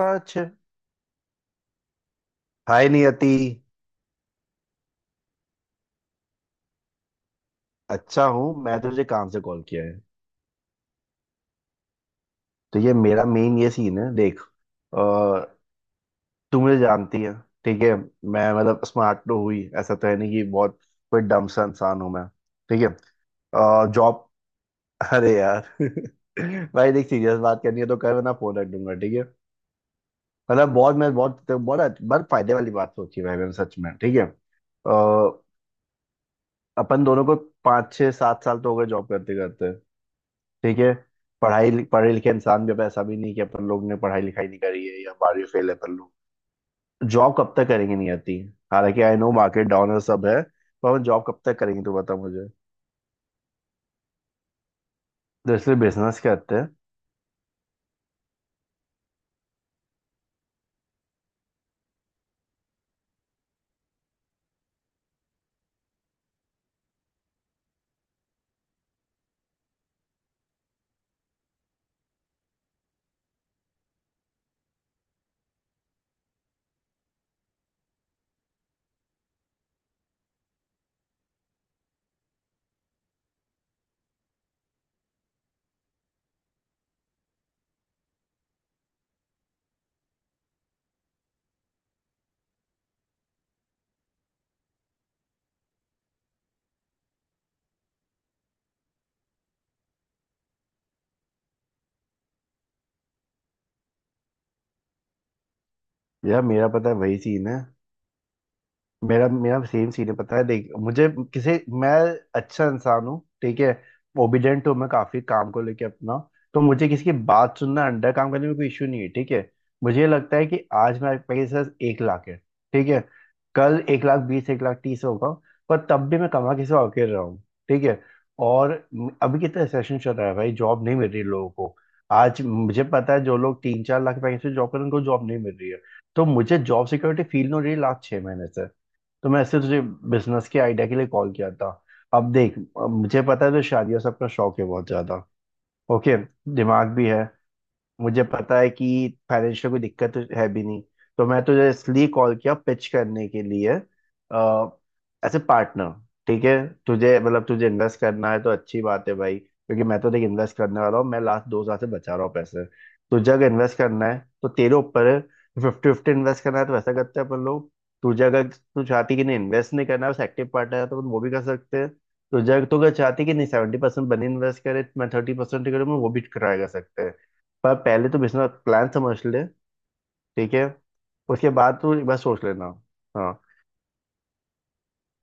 कुछ। हाय नियति। अच्छा हूँ। मैं तुझे काम से कॉल किया है। तो ये मेरा मेन ये सीन है, देख। आ, तू मुझे जानती है। ठीक है। मैं मतलब स्मार्ट तो हुई, ऐसा तो है नहीं कि बहुत कोई डम सा इंसान हूँ मैं। ठीक है। जॉब। अरे यार भाई देख, सीरियस बात करनी है तो कर, वरना फोन रख दूंगा। ठीक है। मतलब बहुत मैं बहुत तो बहुत बहुत फायदे वाली बात सोची है भाई मैंने, सच में। ठीक है। अ, अपन दोनों को पाँच छः सात साल तो हो गए जॉब करते करते। ठीक है। पढ़ाई पढ़े लिखे इंसान भी, अब ऐसा भी नहीं कि अपन लोग ने पढ़ाई लिखाई नहीं करी है या बारहवीं फेल है अपन लोग। जॉब कब तक करेंगे, नहीं आती। हालांकि आई नो, मार्केट डाउन है, सब है। पर हम जॉब कब तक करेंगे, तो बता मुझे। तो इसलिए बिजनेस करते हैं। यार, मेरा पता है वही सीन है। मेरा मेरा सेम सीन है। पता है, देख मुझे। किसी मैं अच्छा इंसान हूँ। ठीक है। ओबिडेंट हूँ मैं काफी, काम को लेके अपना। तो मुझे किसी की बात सुनना, अंडर काम करने में कोई इशू नहीं है। ठीक है। मुझे ये लगता है कि आज मेरे पास 1 लाख है। ठीक है। कल एक लाख बीस, एक लाख तीस होगा। पर तब भी मैं कमा किसी और के रहा हूँ। ठीक है। और अभी कितना सेशन चल रहा है भाई, जॉब नहीं मिल रही लोगों को। आज मुझे पता है, जो लोग तीन चार लाख पैसे से जॉब कर रहे हैं, उनको जॉब नहीं मिल रही है। तो मुझे जॉब सिक्योरिटी फील नहीं हो रही लास्ट 6 महीने से। तो मैं इससे तुझे बिजनेस के आइडिया के लिए कॉल किया था। अब देख, अब मुझे पता है, तो शादियों सबका शौक है बहुत ज्यादा। ओके। दिमाग भी है। मुझे पता है कि फाइनेंशियल कोई दिक्कत तो है भी नहीं। तो मैं तुझे इसलिए कॉल किया पिच करने के लिए, एज ए पार्टनर। ठीक है। तुझे मतलब तुझे इन्वेस्ट करना है तो अच्छी बात है भाई, क्योंकि मैं तो देख इन्वेस्ट करने वाला हूँ, मैं लास्ट 2 साल से बचा रहा हूँ पैसे। तुझे अगर इन्वेस्ट करना है तो तेरे ऊपर है। 50-50 इन्वेस्ट करना है तो वैसा करते हैं अपन लोग। तुझे अगर तू चाहती कि नहीं, इन्वेस्ट नहीं करना है, बस एक्टिव पार्टनर है, तो अपन वो भी कर सकते हैं। तुझे अगर- तू अगर चाहती कि नहीं 70% बनी इन्वेस्ट करे, मैं 30% करूँ, मैं वो भी ट्राई कर सकते हैं। पर पहले तो बिजनेस प्लान समझ ले। ठीक है। उसके बाद तो एक बार सोच लेना। हाँ।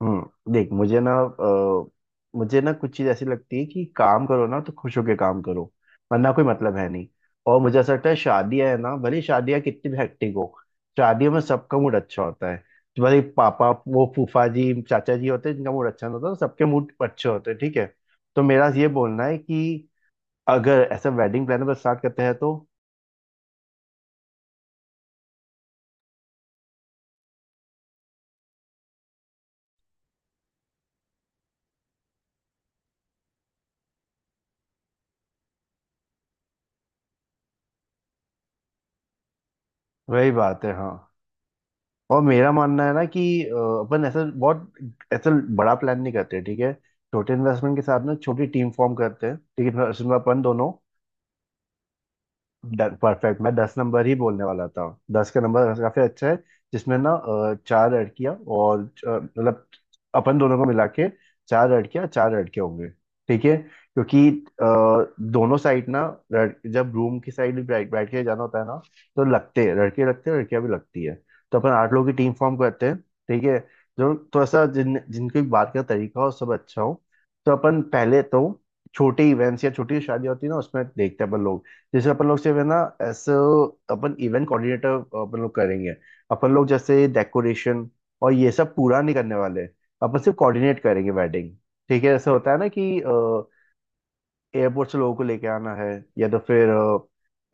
हम्म, देख, मुझे ना कुछ चीज़ ऐसी लगती है कि काम करो ना तो खुश होके काम करो। वरना कोई मतलब है नहीं। और मुझे ऐसा लगता है, शादियां है ना, भले ही शादियां कितनी भी हेक्टिक हो। शादियों में सबका मूड अच्छा होता है। तो भले ही पापा, वो फूफा जी चाचा जी होते हैं जिनका मूड अच्छा नहीं होता, तो सबके मूड अच्छे होते हैं। ठीक है। तो मेरा ये बोलना है कि अगर ऐसा वेडिंग प्लान पर स्टार्ट करते हैं तो। वही बात है, हाँ। और मेरा मानना है ना कि अपन ऐसा बड़ा प्लान नहीं करते। ठीक है। छोटे इन्वेस्टमेंट के साथ ना छोटी टीम फॉर्म करते हैं। ठीक है। उसमें अपन दोनों। परफेक्ट। मैं दस नंबर ही बोलने वाला था। दस का नंबर काफी अच्छा है। जिसमें ना चार लड़कियां और मतलब अपन दोनों को मिला के चार लड़कियां चार लड़के होंगे। ठीक है। क्योंकि दोनों साइड ना, जब रूम की साइड बैठ बैठ के जाना होता है ना, तो लगते हैं लड़के, लगते हैं लड़कियां भी लगती है। तो अपन 8 लोगों की टीम फॉर्म करते हैं। ठीक है। जो थोड़ा सा, जिन जिनकी बात का तरीका हो सब अच्छा हो। तो अपन पहले तो छोटे इवेंट्स या छोटी शादी होती है ना, उसमें देखते हैं अपन लोग। जैसे अपन लोग से ना, ऐसे अपन इवेंट कोऑर्डिनेटर अपन लोग करेंगे। अपन लोग जैसे डेकोरेशन और ये सब पूरा नहीं करने वाले। अपन सिर्फ कोऑर्डिनेट करेंगे वेडिंग। ठीक है। ऐसा होता है ना कि एयरपोर्ट से लोगों को लेके आना है, या तो फिर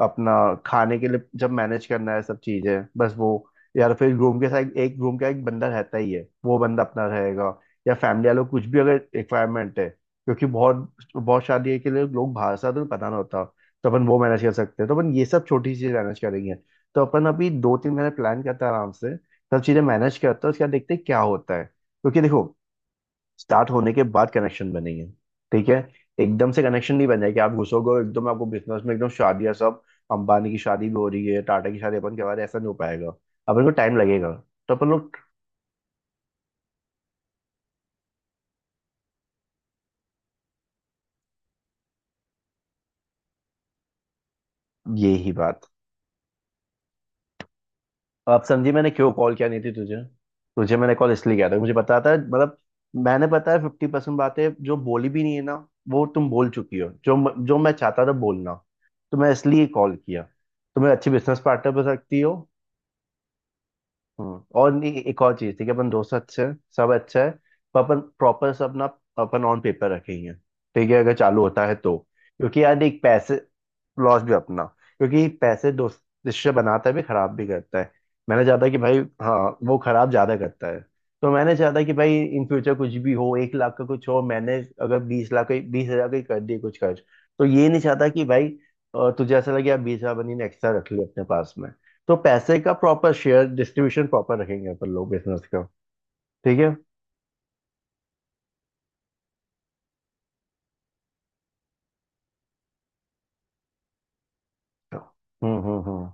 अपना खाने के लिए जब मैनेज करना है, सब चीजें, बस वो। या तो फिर रूम के साथ एक रूम का एक बंदा रहता ही है, वो बंदा अपना रहेगा। या फैमिली वालों को कुछ भी अगर रिक्वायरमेंट है, क्योंकि बहुत बहुत शादी के लिए लोग बाहर से आते हैं, तो पता ना होता। तो अपन वो मैनेज कर सकते हैं, तो अपन ये सब छोटी चीजें मैनेज करेंगे। तो अपन अभी दो तीन महीने प्लान करते हैं, आराम से सब चीजें मैनेज करते हैं, उसके बाद देखते हैं क्या होता है, क्योंकि देखो, स्टार्ट होने के बाद कनेक्शन बनेंगे। ठीक है। एकदम से कनेक्शन नहीं बन जाए कि आप घुसोगे और एकदम आपको बिजनेस में एकदम शादियां सब, अंबानी की शादी भी हो रही है, टाटा की शादी, अपन के बारे ऐसा नहीं हो पाएगा। अपन को टाइम लगेगा। तो अपन लोग, यही बात। आप समझी मैंने क्यों कॉल किया नहीं थी तुझे। तुझे मैंने कॉल इसलिए किया था, मुझे पता था मतलब, मैंने पता है 50% बातें जो बोली भी नहीं है ना, वो तुम बोल चुकी हो जो जो मैं चाहता था बोलना। तो मैं इसलिए कॉल किया। तुम एक अच्छी बिजनेस पार्टनर बन सकती हो। हम्म। और नहीं, एक और चीज थी कि अपन दोस्त अच्छे हैं, सब अच्छा है, पर अपन प्रॉपर सब ना, अपन ऑन पेपर रखेंगे। ठीक है। अगर चालू होता है तो। क्योंकि यार एक पैसे लॉस भी अपना, क्योंकि पैसे दोस्त रिश्ते बनाता है भी, खराब भी करता है। मैंने चाहता कि भाई, हाँ, वो खराब ज्यादा करता है। तो मैंने चाहता कि भाई इन फ्यूचर कुछ भी हो, 1 लाख का कुछ हो, मैंने, अगर 20 लाख का 20 हजार का ही कर दिए कुछ खर्च, तो ये नहीं चाहता कि भाई, तुझे ऐसा लगे यार 20 हजार बनी ने एक्स्ट्रा रख लिया अपने पास। तो पैसे का प्रॉपर शेयर डिस्ट्रीब्यूशन प्रॉपर रखेंगे अपन लोग बिजनेस का। ठीक है। हम्म।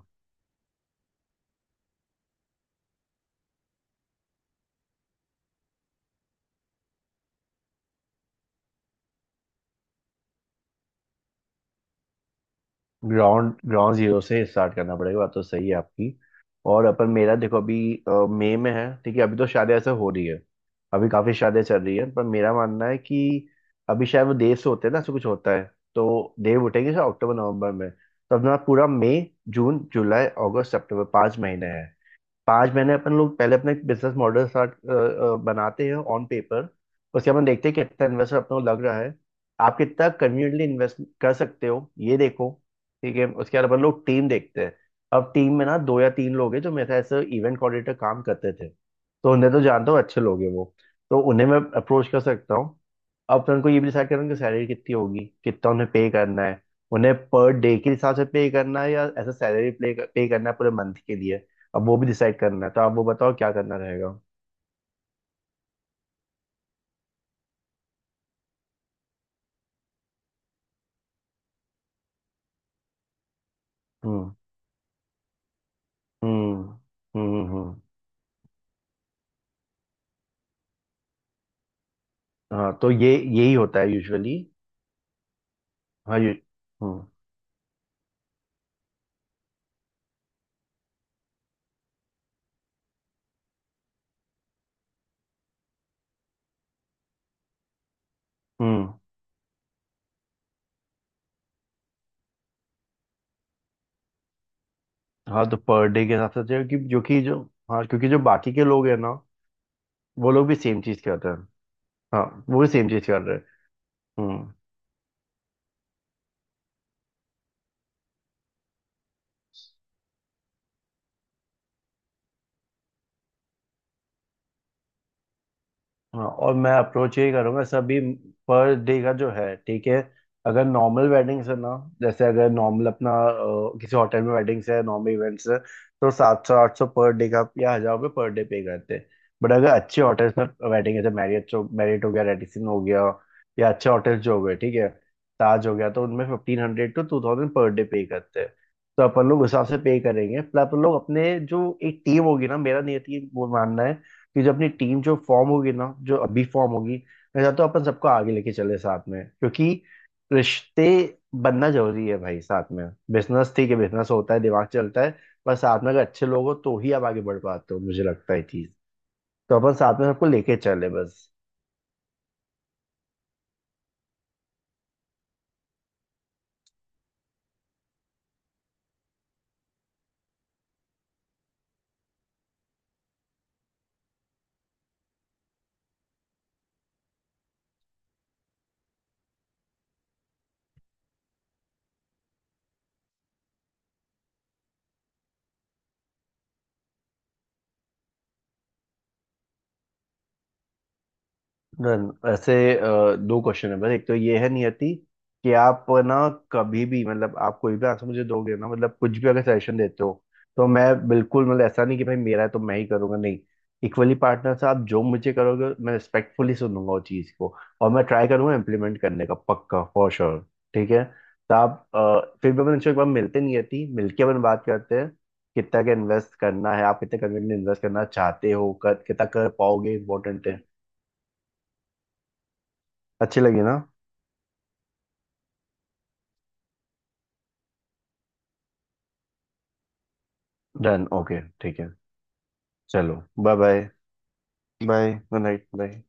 ग्राउंड ग्राउंड जीरो से स्टार्ट करना पड़ेगा, बात तो सही है आपकी। और अपन, मेरा देखो अभी मई में है। ठीक है। अभी तो शादी ऐसे हो रही है, अभी काफी शादियां चल रही है, पर मेरा मानना है कि अभी शायद वो देव से होते हैं ना, ऐसा कुछ होता है। तो देव उठेंगे शायद अक्टूबर नवंबर में, तो अपना पूरा मई जून जुलाई अगस्त सितंबर 5 महीने हैं। 5 महीने अपन लोग पहले अपने बिजनेस मॉडल स्टार्ट बनाते हैं ऑन पेपर। उसके बाद हम देखते हैं कितना इन्वेस्टर अपने को लग रहा है, आप कितना कन्वीनियंटली इन्वेस्ट कर सकते हो ये देखो। ठीक है। उसके बाद अपन लोग टीम देखते हैं। अब टीम में ना दो या तीन लोग हैं जो मेरे साथ ऐसे इवेंट कोऑर्डिनेटर काम करते थे, तो उन्हें तो जानता हूँ, अच्छे लोग हैं वो। तो उन्हें मैं अप्रोच कर सकता हूँ। अब अपन को ये भी डिसाइड करना है कि सैलरी कितनी होगी, कितना उन्हें पे करना है। उन्हें पर डे के हिसाब से पे करना है, या ऐसा सैलरी पे पे करना है पूरे मंथ के लिए। अब वो भी डिसाइड करना है, तो आप वो बताओ क्या करना रहेगा। हम्म हम्म हम्म हम्म हम्म। हाँ, तो ये यही होता है यूजुअली। हाँ। यू हम्म हम्म। हाँ, तो पर डे के हिसाब से चाहिए कि जो हाँ, क्योंकि जो बाकी के लोग हैं ना, वो लोग भी सेम चीज करते हैं। हाँ, वो भी सेम चीज कर रहे हैं। हम्म। हाँ, और मैं अप्रोच यही करूंगा, सभी पर डे का जो है। ठीक है। अगर नॉर्मल वेडिंग्स है ना, जैसे अगर नॉर्मल अपना किसी होटल में वेडिंग्स है, नॉर्मल इवेंट्स है, तो 700 800 पर डे का या हजार रुपये पर डे पे करते हैं। बट अगर अच्छे होटल्स में वेडिंग है, जैसे मैरियट मैरियट हो गया, रेडिसन हो गया, या अच्छे होटल्स जो हो गए। ठीक है। ताज हो गया, तो उनमें 1500 to 2000 पर डे पे करते हैं। तो अपन लोग उस हिसाब से पे करेंगे, प्लस अपन लोग अपने, जो एक टीम होगी ना, मेरा नहीं है वो मानना है कि जो अपनी टीम जो फॉर्म होगी ना जो अभी फॉर्म होगी, मैं चाहता हूँ अपन सबको आगे लेके चले साथ में, क्योंकि रिश्ते बनना जरूरी है भाई साथ में। बिजनेस ठीक है, बिजनेस होता है, दिमाग चलता है, पर साथ में अगर अच्छे लोग हो तो ही आप आगे बढ़ पाते हो मुझे लगता है चीज। तो अपन साथ में सबको लेके चले बस। डन। वैसे दो क्वेश्चन है, बस एक तो ये है नियति, कि आप ना कभी भी मतलब, आप कोई भी आंसर मुझे दोगे ना, मतलब कुछ भी अगर सजेशन देते हो तो मैं बिल्कुल मतलब, ऐसा नहीं कि भाई मेरा है तो मैं ही करूंगा, नहीं। इक्वली पार्टनर से आप जो मुझे करोगे, मैं रिस्पेक्टफुली सुनूंगा वो चीज़ को, और मैं ट्राई करूंगा इम्प्लीमेंट करने का पक्का फॉर श्योर। ठीक है। तो आप फिर भी अपन इंश्योर एक बार मिलते हैं नियति, मिलके अपन बात करते हैं कितना का इन्वेस्ट करना है, आप कितने कन्वीनियंट इन्वेस्ट करना चाहते हो, कर कितना कर पाओगे इम्पोर्टेंट है। अच्छी लगी ना। डन। ओके, ठीक है। चलो, bye bye. Bye, good night, bye.